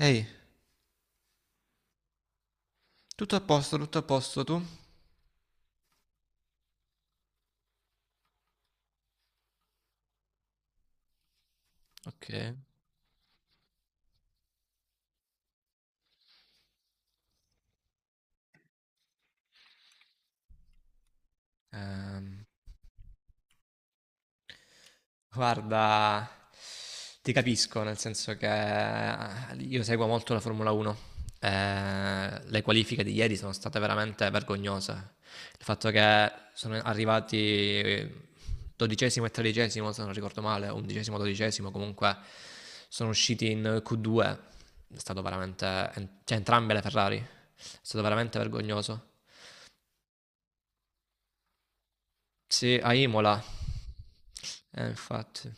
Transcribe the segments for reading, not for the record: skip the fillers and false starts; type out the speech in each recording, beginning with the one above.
Ehi, tutto a posto tu? Ok. Ehm, guarda, ti capisco, nel senso che io seguo molto la Formula 1. Le qualifiche di ieri sono state veramente vergognose. Il fatto che sono arrivati dodicesimo e tredicesimo, se non ricordo male, undicesimo, dodicesimo, comunque sono usciti in Q2. È stato veramente, cioè entrambe le Ferrari, è stato veramente vergognoso. Sì, a Imola. Infatti.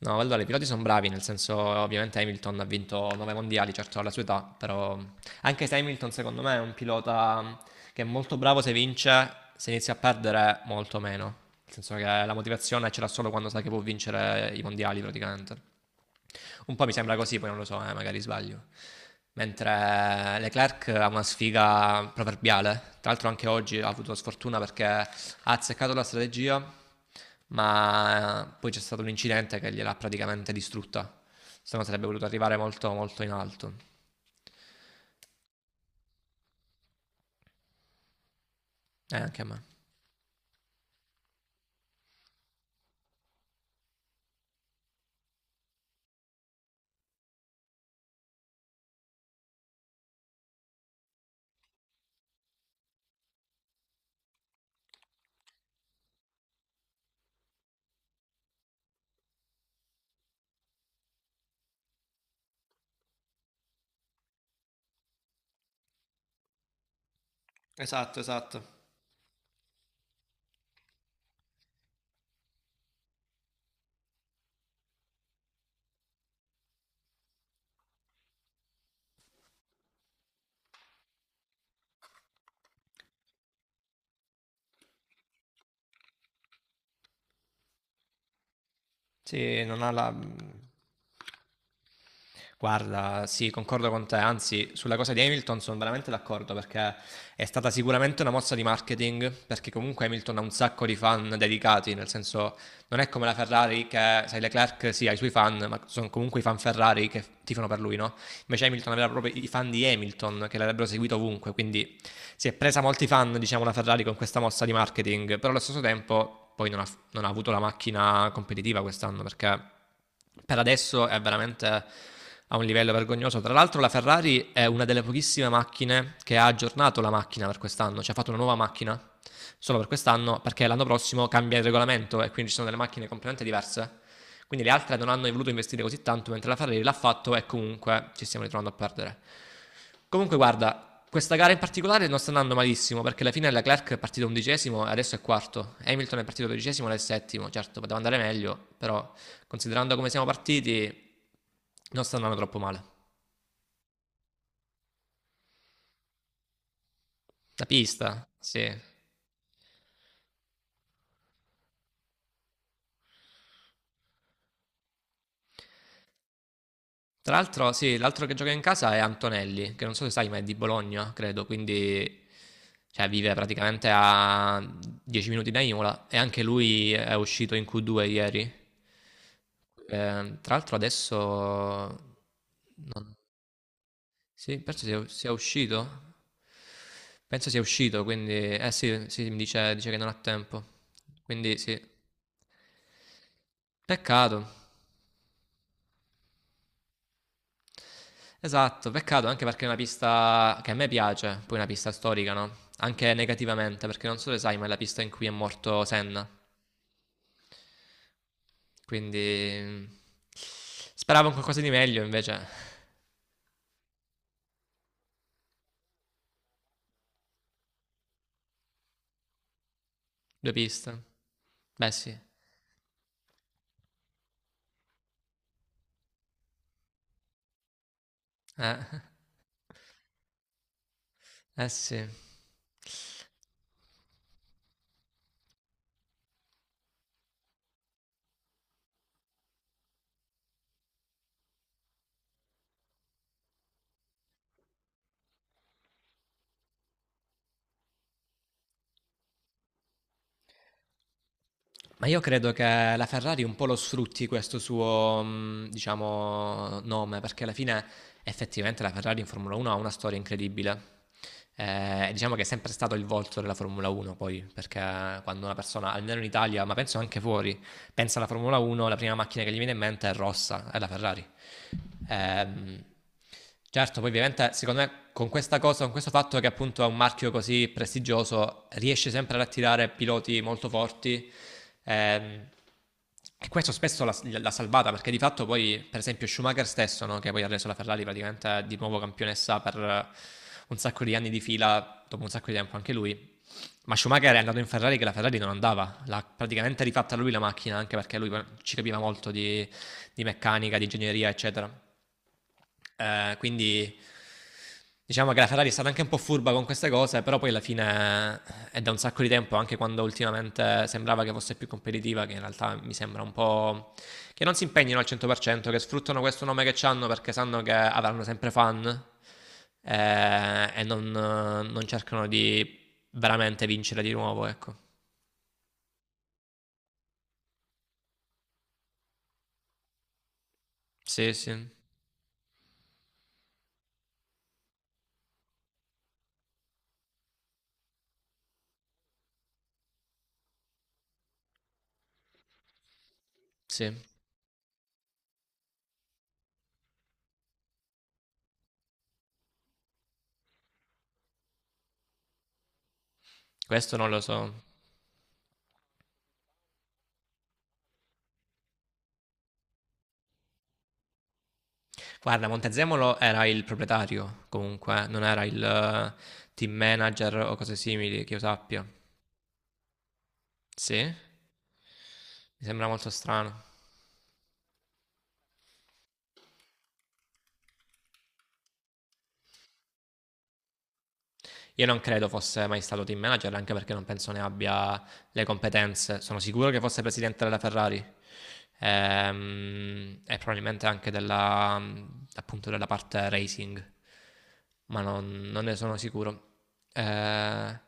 No, allora i piloti sono bravi, nel senso ovviamente Hamilton ha vinto nove mondiali, certo alla sua età, però anche se Hamilton secondo me è un pilota che è molto bravo se vince, se inizia a perdere molto meno, nel senso che la motivazione ce l'ha solo quando sa che può vincere i mondiali praticamente. Un po' mi sembra così, poi non lo so, magari sbaglio. Mentre Leclerc ha una sfiga proverbiale, tra l'altro anche oggi ha avuto sfortuna perché ha azzeccato la strategia, ma poi c'è stato l'incidente che gliel'ha praticamente distrutta. Se no sarebbe voluto arrivare molto, molto in alto. E anche a me. Esatto, esatto. Sì, non ha la... Guarda, sì, concordo con te, anzi, sulla cosa di Hamilton sono veramente d'accordo perché è stata sicuramente una mossa di marketing, perché comunque Hamilton ha un sacco di fan dedicati, nel senso non è come la Ferrari che, sai, Leclerc sì, ha i suoi fan, ma sono comunque i fan Ferrari che tifano per lui, no? Invece Hamilton aveva proprio i fan di Hamilton che l'avrebbero seguito ovunque, quindi si è presa molti fan, diciamo, la Ferrari con questa mossa di marketing, però allo stesso tempo poi non ha avuto la macchina competitiva quest'anno perché per adesso è veramente a un livello vergognoso. Tra l'altro la Ferrari è una delle pochissime macchine che ha aggiornato la macchina per quest'anno, cioè ha fatto una nuova macchina solo per quest'anno perché l'anno prossimo cambia il regolamento e quindi ci sono delle macchine completamente diverse. Quindi le altre non hanno voluto investire così tanto, mentre la Ferrari l'ha fatto e comunque ci stiamo ritrovando a perdere. Comunque, guarda, questa gara in particolare non sta andando malissimo perché alla fine Leclerc è partito undicesimo e adesso è quarto. Hamilton è partito dodicesimo ed è settimo. Certo, poteva andare meglio, però considerando come siamo partiti, non sta andando troppo male. La pista, sì. Tra l'altro, sì, l'altro che gioca in casa è Antonelli, che non so se sai, ma è di Bologna, credo, quindi cioè, vive praticamente a 10 minuti da Imola e anche lui è uscito in Q2 ieri. Tra l'altro adesso... non- Sì, penso sia uscito. Penso sia uscito, quindi... Eh sì, sì, mi dice che non ha tempo. Quindi sì. Peccato. Esatto, peccato anche perché è una pista che a me piace, poi è una pista storica, no? Anche negativamente, perché non so se sai, ma è la pista in cui è morto Senna. Quindi mm, speravo in qualcosa di meglio, invece due piste. Beh sì, eh, eh sì. Ma io credo che la Ferrari un po' lo sfrutti questo suo, diciamo, nome, perché alla fine effettivamente la Ferrari in Formula 1 ha una storia incredibile. Diciamo che è sempre stato il volto della Formula 1, poi, perché quando una persona, almeno in Italia, ma penso anche fuori, pensa alla Formula 1, la prima macchina che gli viene in mente è rossa, è la Ferrari. Ehm, certo, poi ovviamente secondo me con questa cosa, con questo fatto che appunto è un marchio così prestigioso, riesce sempre ad attirare piloti molto forti. ehm, e questo spesso l'ha salvata perché di fatto poi, per esempio, Schumacher stesso, no, che poi ha reso la Ferrari praticamente di nuovo campionessa per un sacco di anni di fila, dopo un sacco di tempo anche lui, ma Schumacher è andato in Ferrari che la Ferrari non andava, l'ha praticamente rifatta lui la macchina, anche perché lui ci capiva molto di, meccanica, di ingegneria, eccetera. Quindi diciamo che la Ferrari è stata anche un po' furba con queste cose, però poi alla fine è da un sacco di tempo, anche quando ultimamente sembrava che fosse più competitiva, che in realtà mi sembra un po' che non si impegnino al 100%, che sfruttano questo nome che hanno perché sanno che avranno sempre fan e non cercano di veramente vincere di nuovo, ecco. Sì, sì, sì. Questo non lo so. Guarda, Montezemolo era il proprietario, comunque, non era il team manager o cose simili, che io sappia. Sì? Mi sembra molto strano. Io non credo fosse mai stato team manager, anche perché non penso ne abbia le competenze. Sono sicuro che fosse presidente della Ferrari e probabilmente anche della, appunto della parte racing, ma non ne sono sicuro. Eh,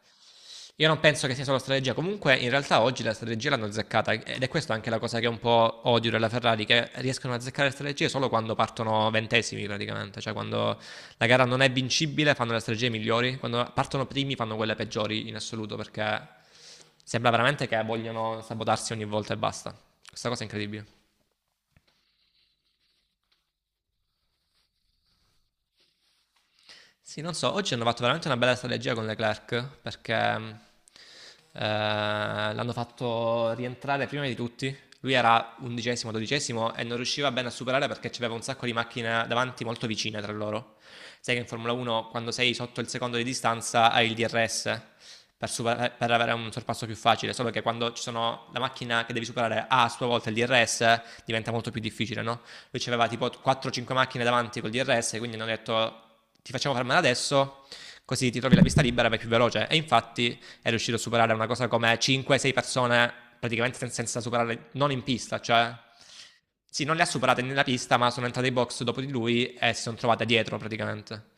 io non penso che sia solo strategia, comunque in realtà oggi la strategia l'hanno azzeccata ed è questa anche la cosa che un po' odio della Ferrari, che riescono a azzeccare le strategie solo quando partono ventesimi praticamente, cioè quando la gara non è vincibile, fanno le strategie migliori. Quando partono primi fanno quelle peggiori in assoluto perché sembra veramente che vogliono sabotarsi ogni volta e basta. Questa cosa è incredibile. Sì, non so, oggi hanno fatto veramente una bella strategia con Leclerc perché l'hanno fatto rientrare prima di tutti. Lui era undicesimo, dodicesimo e non riusciva bene a superare perché c'aveva un sacco di macchine davanti molto vicine tra loro. Sai che in Formula 1 quando sei sotto il secondo di distanza hai il DRS per avere un sorpasso più facile, solo che quando ci sono la macchina che devi superare ha a sua volta il DRS diventa molto più difficile, no? Lui c'aveva tipo 4-5 macchine davanti col DRS, quindi hanno detto ti facciamo fermare adesso, così ti trovi la pista libera, vai più veloce. E infatti è riuscito a superare una cosa come 5-6 persone praticamente senza superare, non in pista, cioè... Sì, non le ha superate nella pista, ma sono entrate in box dopo di lui e si sono trovate dietro praticamente.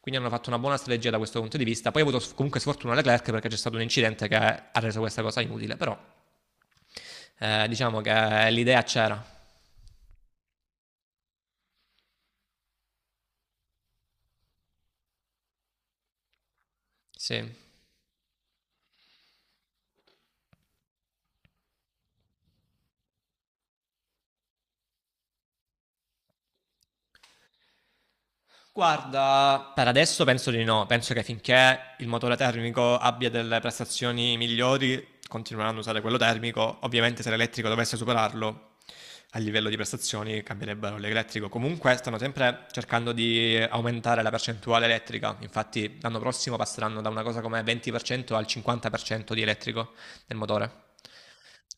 Quindi hanno fatto una buona strategia da questo punto di vista. Poi ha avuto comunque sfortuna Leclerc perché c'è stato un incidente che ha reso questa cosa inutile, però diciamo che l'idea c'era. Sì. Guarda, per adesso penso di no. Penso che finché il motore termico abbia delle prestazioni migliori, continueranno a usare quello termico. Ovviamente, se l'elettrico dovesse superarlo a livello di prestazioni, cambierebbero l'elettrico. Comunque, stanno sempre cercando di aumentare la percentuale elettrica. Infatti, l'anno prossimo passeranno da una cosa come 20% al 50% di elettrico nel motore.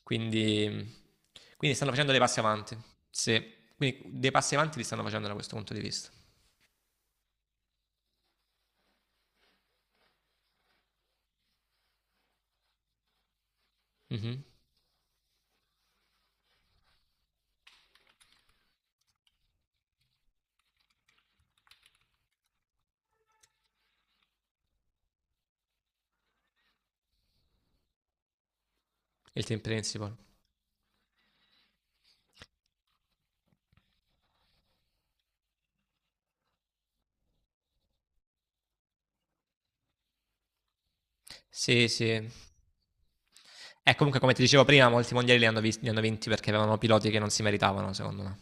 Quindi, quindi stanno facendo dei passi avanti. Sì, quindi dei passi avanti li stanno facendo da questo punto di vista. Mhm. Il team principal. Sì, sì. E comunque, come ti dicevo prima, molti mondiali li hanno vinti perché avevano piloti che non si meritavano, secondo me.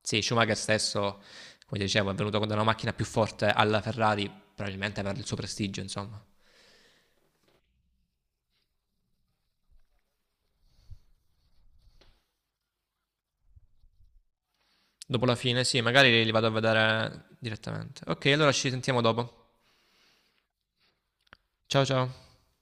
Sì, Schumacher stesso, come dicevo, è venuto con una macchina più forte alla Ferrari, probabilmente per il suo prestigio, insomma. Dopo la fine, sì, magari li vado a vedere direttamente. Ok, allora ci sentiamo dopo. Ciao ciao.